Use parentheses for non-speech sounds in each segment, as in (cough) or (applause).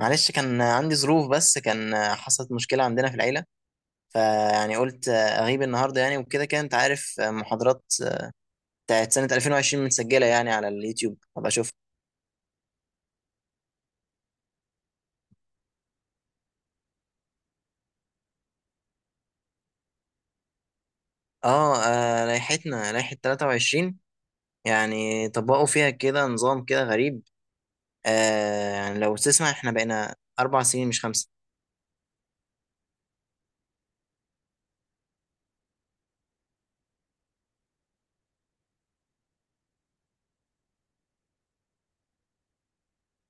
معلش، كان عندي ظروف بس كان حصلت مشكلة عندنا في العيلة. قلت أغيب النهاردة، يعني وكده كده أنت عارف محاضرات بتاعت سنة 2020 متسجلة يعني على اليوتيوب أبقى أشوف. لائحتنا لائحة 23. يعني طبقوا فيها كده نظام كده غريب. يعني لو تسمع، إحنا بقينا أربع سنين مش خمسة.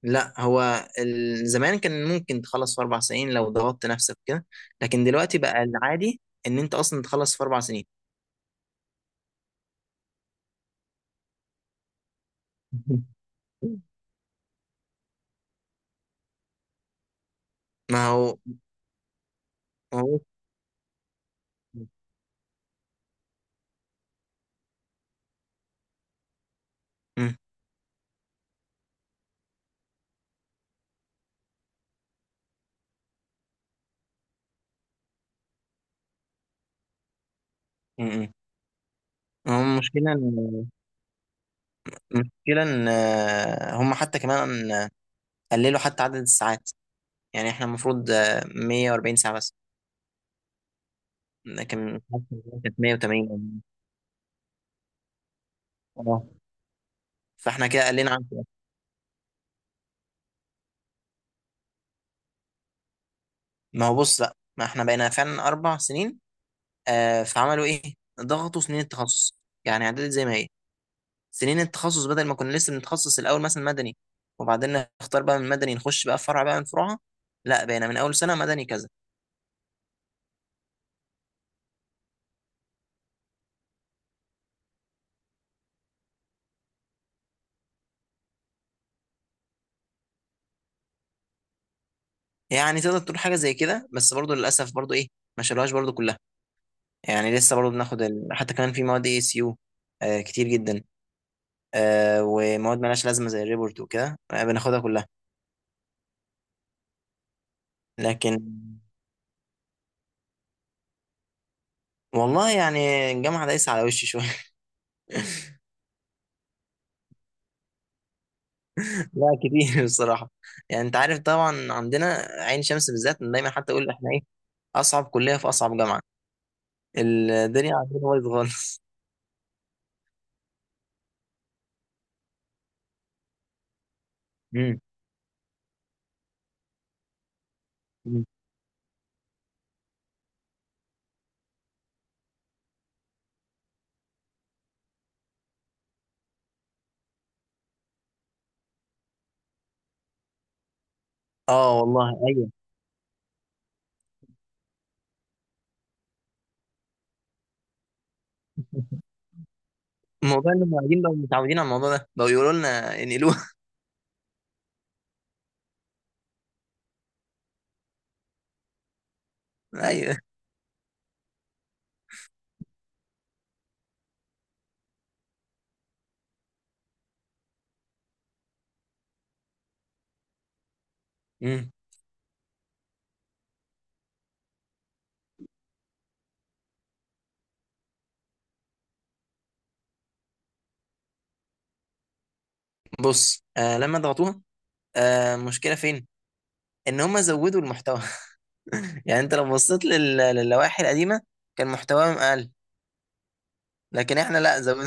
لا، هو زمان كان ممكن تخلص في أربع سنين لو ضغطت نفسك كده، لكن دلوقتي بقى العادي إن أنت أصلا تخلص في أربع سنين. (laughs) ما هو مم. مم. هو المشكلة إن هم حتى كمان قللوا حتى عدد الساعات. يعني إحنا المفروض 140 ساعة بس، لكن كانت 180. اه، فإحنا كده قلنا عن كده. ما هو بص بقى، ما إحنا بقينا فعلا أربع سنين. آه، فعملوا إيه؟ ضغطوا سنين التخصص. يعني عدلت زي ما هي. سنين التخصص بدل ما كنا لسه بنتخصص الأول مثلا مدني، وبعدين نختار بقى من مدني نخش بقى فرع بقى من فروعها، لا بقينا من أول سنة مدني كذا. يعني تقدر تقول حاجه زي كده، بس برضو للاسف برضو ايه، ما شالوهاش برضو كلها. يعني لسه برضو بناخد حتى كمان في مواد اي اس يو كتير جدا. آه، ومواد مالهاش لازمه زي الريبورت وكده، آه بناخدها كلها لكن. والله يعني الجامعه دايسه على وشي شويه. (laughs) لا، كتير بصراحه. يعني انت عارف طبعا عندنا عين شمس بالذات، أنا دايما حتى اقول احنا ايه، اصعب كليه في اصعب جامعه. الدنيا عندنا بايظ خالص. مم. مم. اه والله ايوه. الموضوع ان المعيدين بقوا متعودين على الموضوع ده، بقوا يقولوا لنا انقلوها. (laughs) ايوه. مم. بص، آه لما ضغطوها آه، مشكلة فين؟ إن هم زودوا المحتوى. (laughs) يعني أنت لو بصيت للوائح القديمة كان محتواهم أقل، لكن إحنا لا زودوا.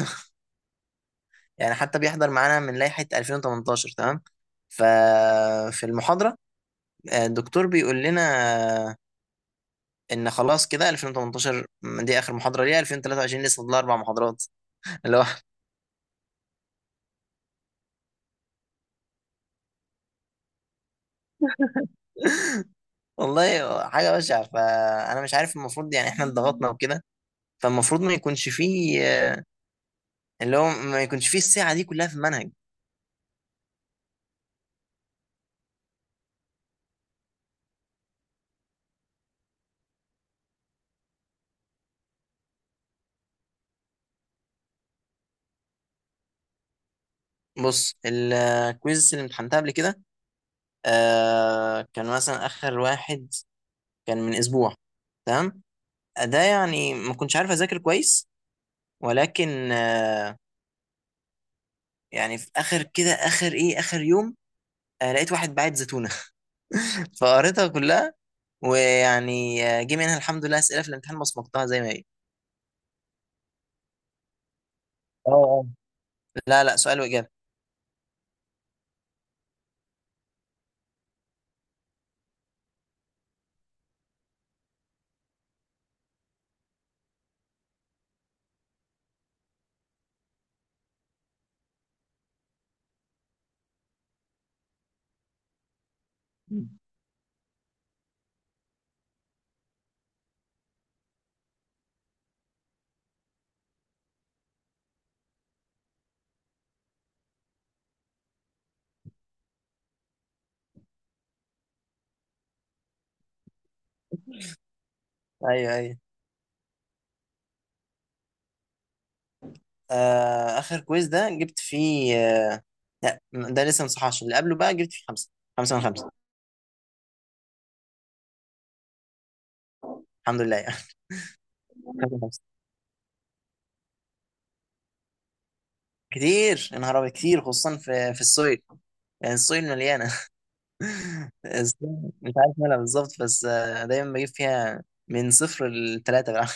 (laughs) يعني حتى بيحضر معانا من لائحة 2018، تمام؟ ففي المحاضرة الدكتور بيقول لنا، آه، إن خلاص كده 2018 دي آخر محاضرة ليها، 2023 لسه فاضل أربع محاضرات. (laughs) اللي هو، والله حاجة بشعة، فأنا مش عارف المفروض يعني إحنا اتضغطنا وكده، فالمفروض ما يكونش فيه، اللي هو ما يكونش فيه الساعة دي كلها في المنهج. بص الكويز اللي امتحنتها قبل كده آه، كان مثلا آخر واحد كان من أسبوع، تمام؟ ده يعني ما كنتش عارف أذاكر كويس، ولكن آه، يعني في آخر كده، آخر يوم آه، لقيت واحد باعت زيتونة. (laughs) فقريتها كلها، ويعني آه، جه منها الحمد لله أسئلة في الامتحان بصمتها زي ما هي. اه. لا, سؤال وإجابة. مم. ايوه ايوه. آه اخر كويز ده جبت فيه، لا ده لسه ما صحاش. اللي قبله بقى جبت فيه خمسه، خمسه من خمسه. الحمد لله يعني. (laughs) خمسه من خمسه كتير يا نهار أبيض، كتير خصوصا في السويل. يعني السويل مليانه. (laughs) السويل مش عارف مالها بالظبط، بس آه، دايما بجيب فيها من صفر لثلاثه بقى.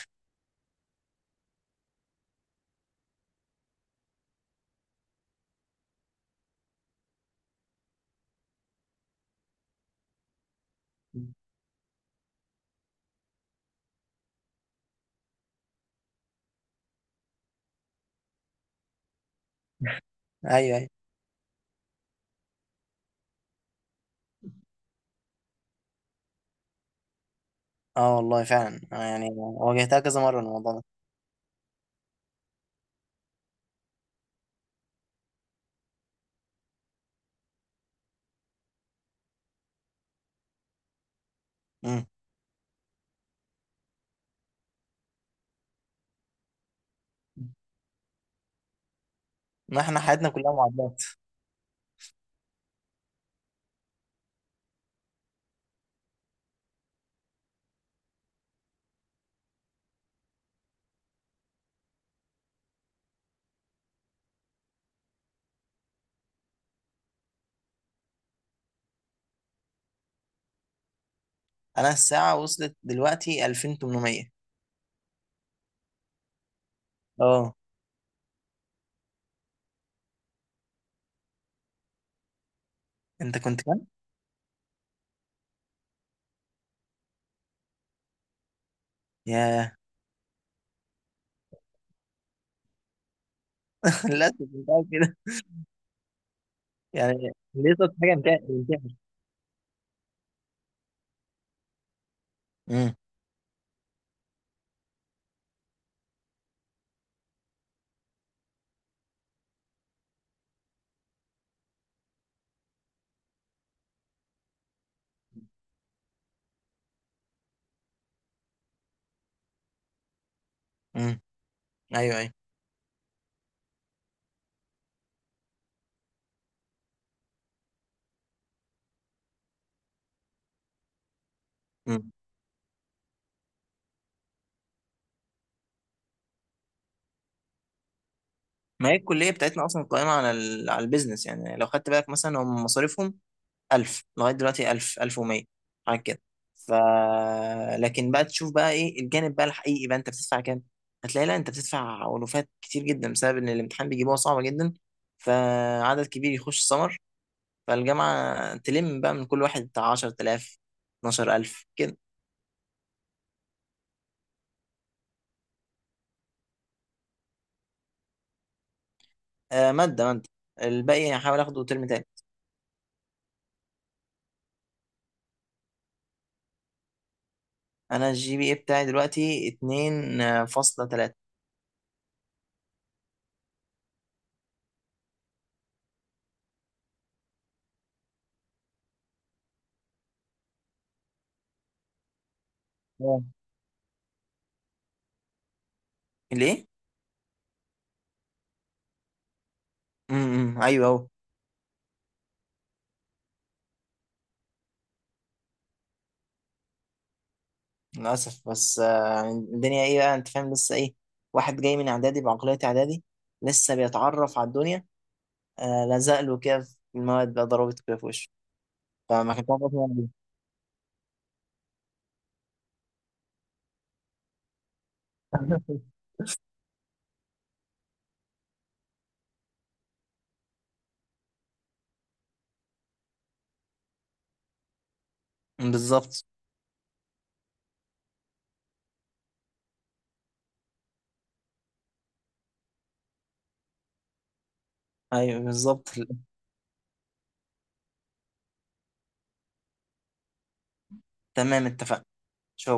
(laughs) ايوه ايوه. اه والله فعلا، آه يعني واجهتها كذا مره الموضوع ده. مم. ما احنا حياتنا كلها معادلات. انا الساعه وصلت دلوقتي 2800. اه. انت كنت كام؟ ياه. (laughs) للاسف كنت قاعد كده. يعني ليه صوت حاجه انت. امم. امم. ايوه ايوه. امم. ما هي الكليه بتاعتنا اصلا قائمه على البيزنس. يعني لو خدت بالك مثلا، هم مصاريفهم 1000 لغايه دلوقتي، 1000، 1100، حاجه كده. ف لكن بقى تشوف بقى ايه الجانب بقى الحقيقي، بقى انت بتدفع كام؟ هتلاقي لا، انت بتدفع ألوفات كتير جدا بسبب ان الامتحان بيجيبوها صعبه جدا، فعدد كبير يخش سمر، فالجامعه تلم بقى من كل واحد بتاع 10,000، 12,000 كده. آه ماده. الباقي هحاول اخده ترم تاني. انا الجي بي اي بتاعي دلوقتي اتنين آه، فاصلة تلاتة. آه. ليه؟ امم. ايوه اهو. للاسف بس آه، الدنيا ايه بقى، انت فاهم لسه ايه، واحد جاي من اعدادي بعقلية اعدادي لسه بيتعرف على الدنيا، آه لزق له كده في المواد بقى، ضربته كده في وشه، فما كنت عارف أصلاً يعني. إيه. (laughs) بالظبط. ايوه بالظبط. تمام، اتفقنا. شو